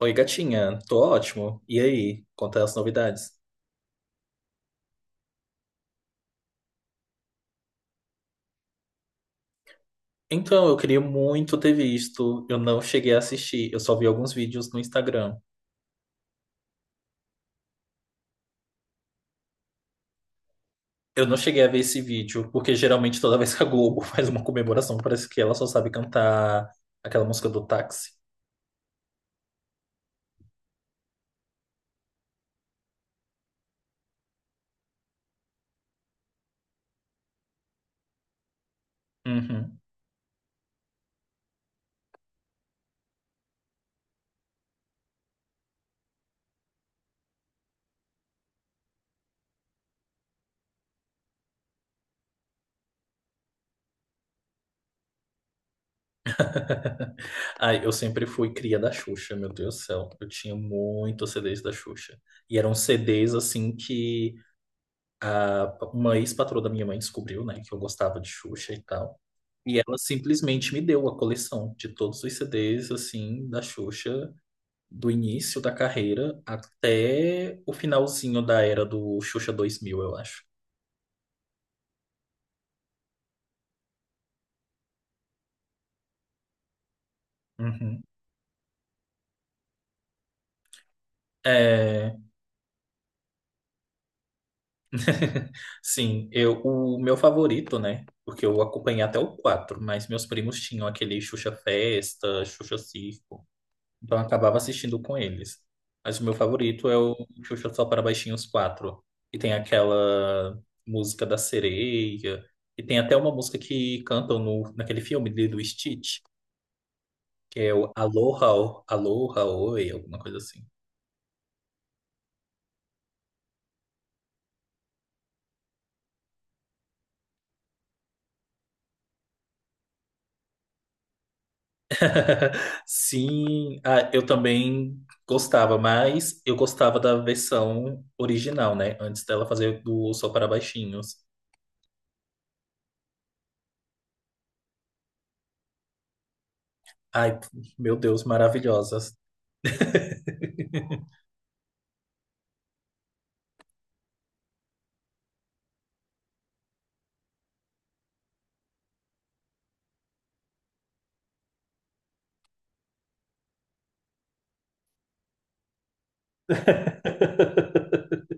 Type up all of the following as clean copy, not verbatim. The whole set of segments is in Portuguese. Oi, gatinha, tô ótimo. E aí, conta as novidades. Então, eu queria muito ter visto, eu não cheguei a assistir, eu só vi alguns vídeos no Instagram. Eu não cheguei a ver esse vídeo, porque geralmente toda vez que a Globo faz uma comemoração, parece que ela só sabe cantar aquela música do táxi. Uhum. Ai, eu sempre fui cria da Xuxa, meu Deus do céu. Eu tinha muitos CDs da Xuxa. E eram CDs, assim, que uma ex-patroa da minha mãe descobriu, né, que eu gostava de Xuxa e tal. E ela simplesmente me deu a coleção de todos os CDs, assim, da Xuxa, do início da carreira até o finalzinho da era do Xuxa 2000, eu acho. Uhum. É... Sim, o meu favorito, né? Porque eu acompanhei até o quatro, mas meus primos tinham aquele Xuxa Festa, Xuxa Circo. Então eu acabava assistindo com eles. Mas o meu favorito é o Xuxa Só para Baixinhos quatro. E tem aquela música da sereia. E tem até uma música que cantam no, naquele filme do Stitch, que é o Aloha, Aloha, Oi, alguma coisa assim. Sim, ah, eu também gostava, mas eu gostava da versão original, né? Antes dela fazer do Só para Baixinhos. Ai, meu Deus, maravilhosas.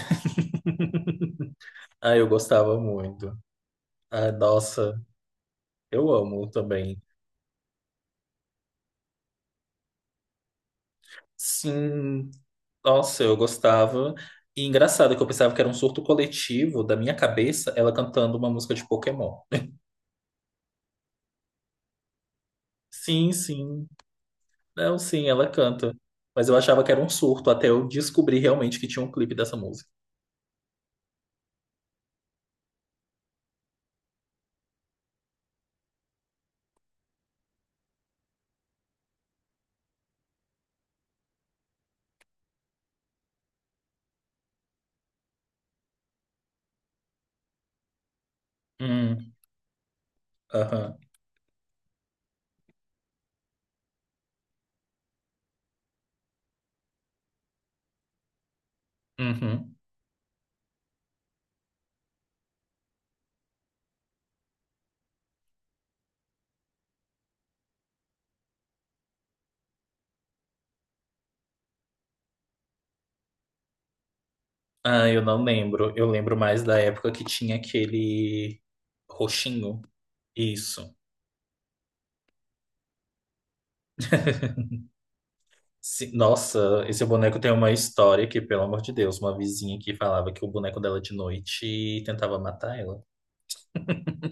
Ah, eu gostava muito. Ah, nossa, eu amo também. Sim, nossa, eu gostava. E engraçado que eu pensava que era um surto coletivo da minha cabeça, ela cantando uma música de Pokémon. Sim, sim. Não, sim, ela canta. Mas eu achava que era um surto até eu descobrir realmente que tinha um clipe dessa música. Hum, aham, uhum. Ah, eu não lembro. Eu lembro mais da época que tinha aquele roxinho. Isso. Sim, nossa, esse boneco tem uma história que, pelo amor de Deus, uma vizinha que falava que o boneco dela de noite tentava matar ela.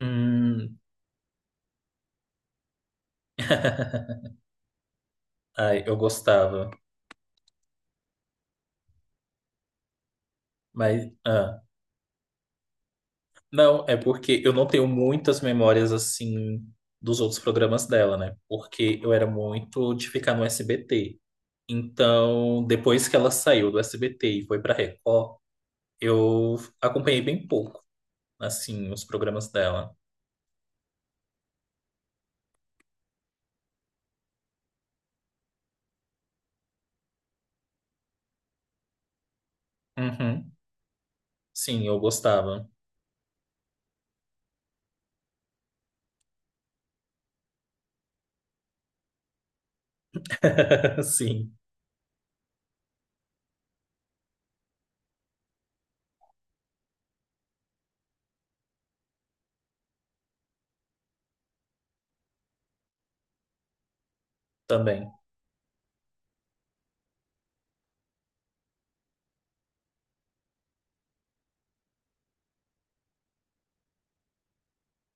Hum, ai, eu gostava, mas, ah, não, é porque eu não tenho muitas memórias assim dos outros programas dela, né? Porque eu era muito de ficar no SBT. Então, depois que ela saiu do SBT e foi pra Record, eu acompanhei bem pouco, assim, os programas dela. Uhum, sim, eu gostava. Sim, também.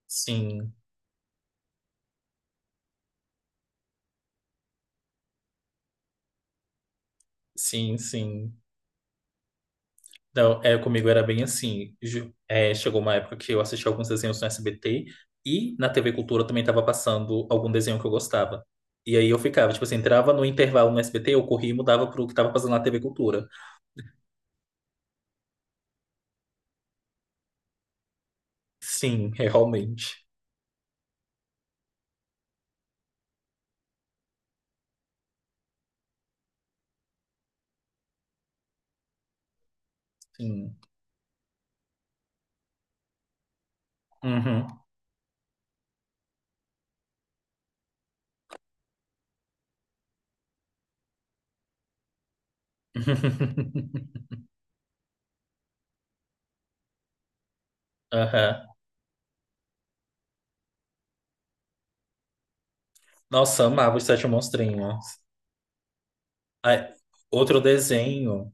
Sim, sim, sim. Não, é, comigo era bem assim. Chegou uma época que eu assisti alguns desenhos no SBT e na TV Cultura também estava passando algum desenho que eu gostava. E aí eu ficava, tipo assim, entrava no intervalo no SBT, eu corria e mudava pro que estava passando na TV Cultura. Sim, é, realmente. Sim. Uhum. Aham. Nossa, amava os Sete Monstrinhos. Ai, outro desenho.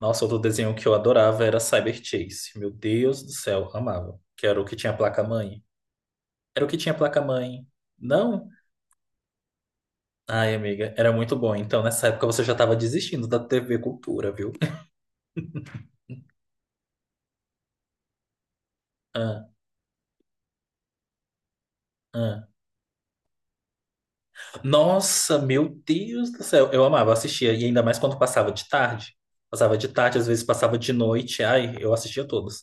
Nossa, outro desenho que eu adorava era Cyber Chase. Meu Deus do céu, amava. Que era o que tinha placa-mãe. Era o que tinha placa-mãe. Não? Ai, amiga, era muito bom. Então, nessa época você já tava desistindo da TV Cultura, viu? Ah, ah. Nossa, meu Deus do céu. Eu amava, assistia. E ainda mais quando passava de tarde. Passava de tarde, às vezes passava de noite. Ai, eu assistia todos.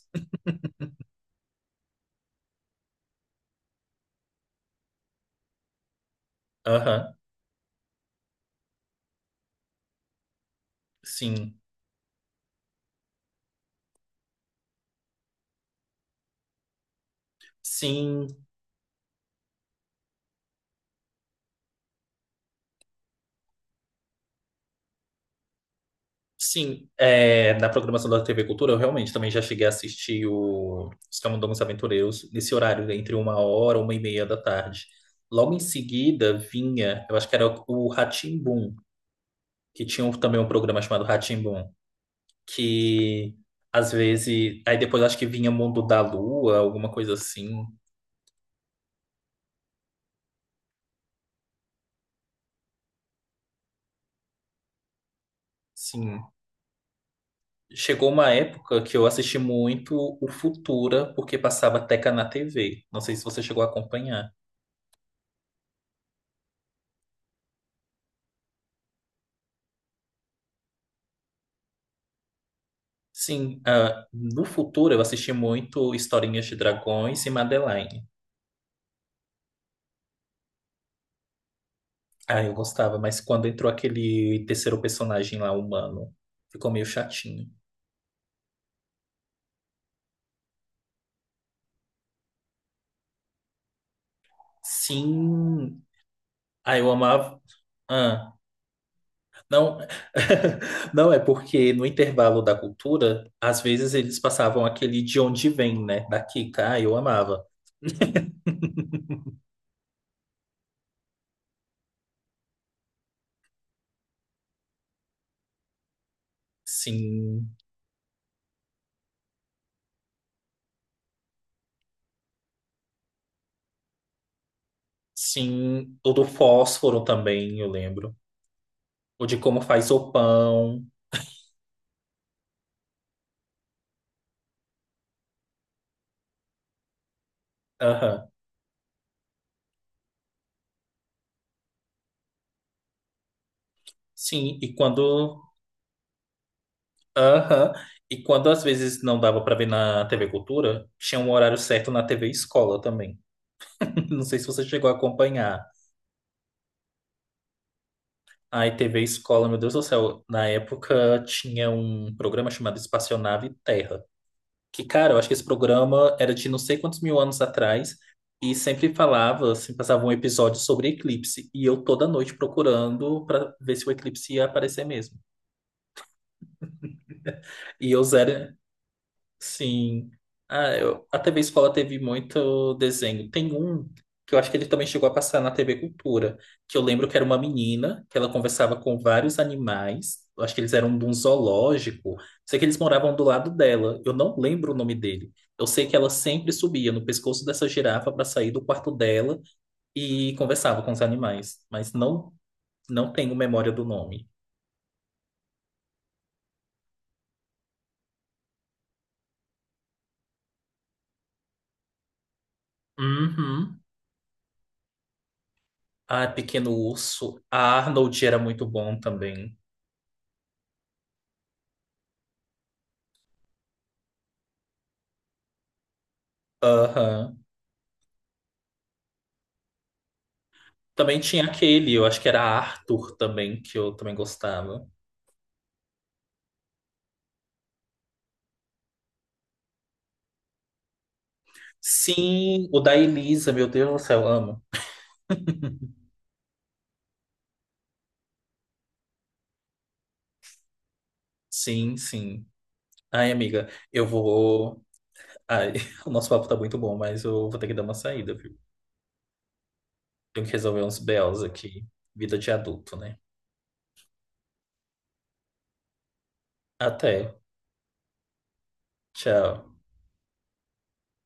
Aham, sim. Sim, sim, é, na programação da TV Cultura eu realmente também já cheguei a assistir os Camundongos Aventureiros nesse horário, né, entre uma hora, uma e meia da tarde. Logo em seguida vinha, eu acho que era o Rá-Tim-Bum, que tinha também um programa chamado Rá-Tim-Bum, que às vezes, aí depois acho que vinha Mundo da Lua, alguma coisa assim. Sim, chegou uma época que eu assisti muito o Futura, porque passava Teca na TV. Não sei se você chegou a acompanhar. Sim, ah, no futuro eu assisti muito Historinhas de Dragões e Madeline. Ah, eu gostava, mas quando entrou aquele terceiro personagem lá, humano, ficou meio chatinho. Sim, ah, eu amava. Ah, não, não é porque no intervalo da cultura, às vezes eles passavam aquele de onde vem, né? Da Kika, ah, eu amava. Sim, sim, o do fósforo também, eu lembro. O de como faz o pão. Aham. Sim, e quando. Aham. E quando às vezes não dava pra ver na TV Cultura, tinha um horário certo na TV Escola também. Não sei se você chegou a acompanhar. Aí TV Escola, meu Deus do céu, na época tinha um programa chamado Espaçonave Terra. Que, cara, eu acho que esse programa era de não sei quantos mil anos atrás, e sempre falava, assim, passava um episódio sobre eclipse. E eu toda noite procurando pra ver se o eclipse ia aparecer mesmo. E eu zero. Sim. Ah, a TV Escola teve muito desenho. Tem um que eu acho que ele também chegou a passar na TV Cultura, que eu lembro que era uma menina, que ela conversava com vários animais. Eu acho que eles eram de um zoológico. Sei que eles moravam do lado dela. Eu não lembro o nome dele. Eu sei que ela sempre subia no pescoço dessa girafa para sair do quarto dela e conversava com os animais, mas não tenho memória do nome. Uhum. Ah, Pequeno Urso. A Arnold era muito bom também. Aham. Também tinha aquele, eu acho que era Arthur também, que eu também gostava. Sim, o da Elisa, meu Deus do céu, amo. Sim, sim. Ai, amiga, eu vou. Ai, o nosso papo tá muito bom, mas eu vou ter que dar uma saída, viu? Tenho que resolver uns BOs aqui. Vida de adulto, né? Até. Tchau.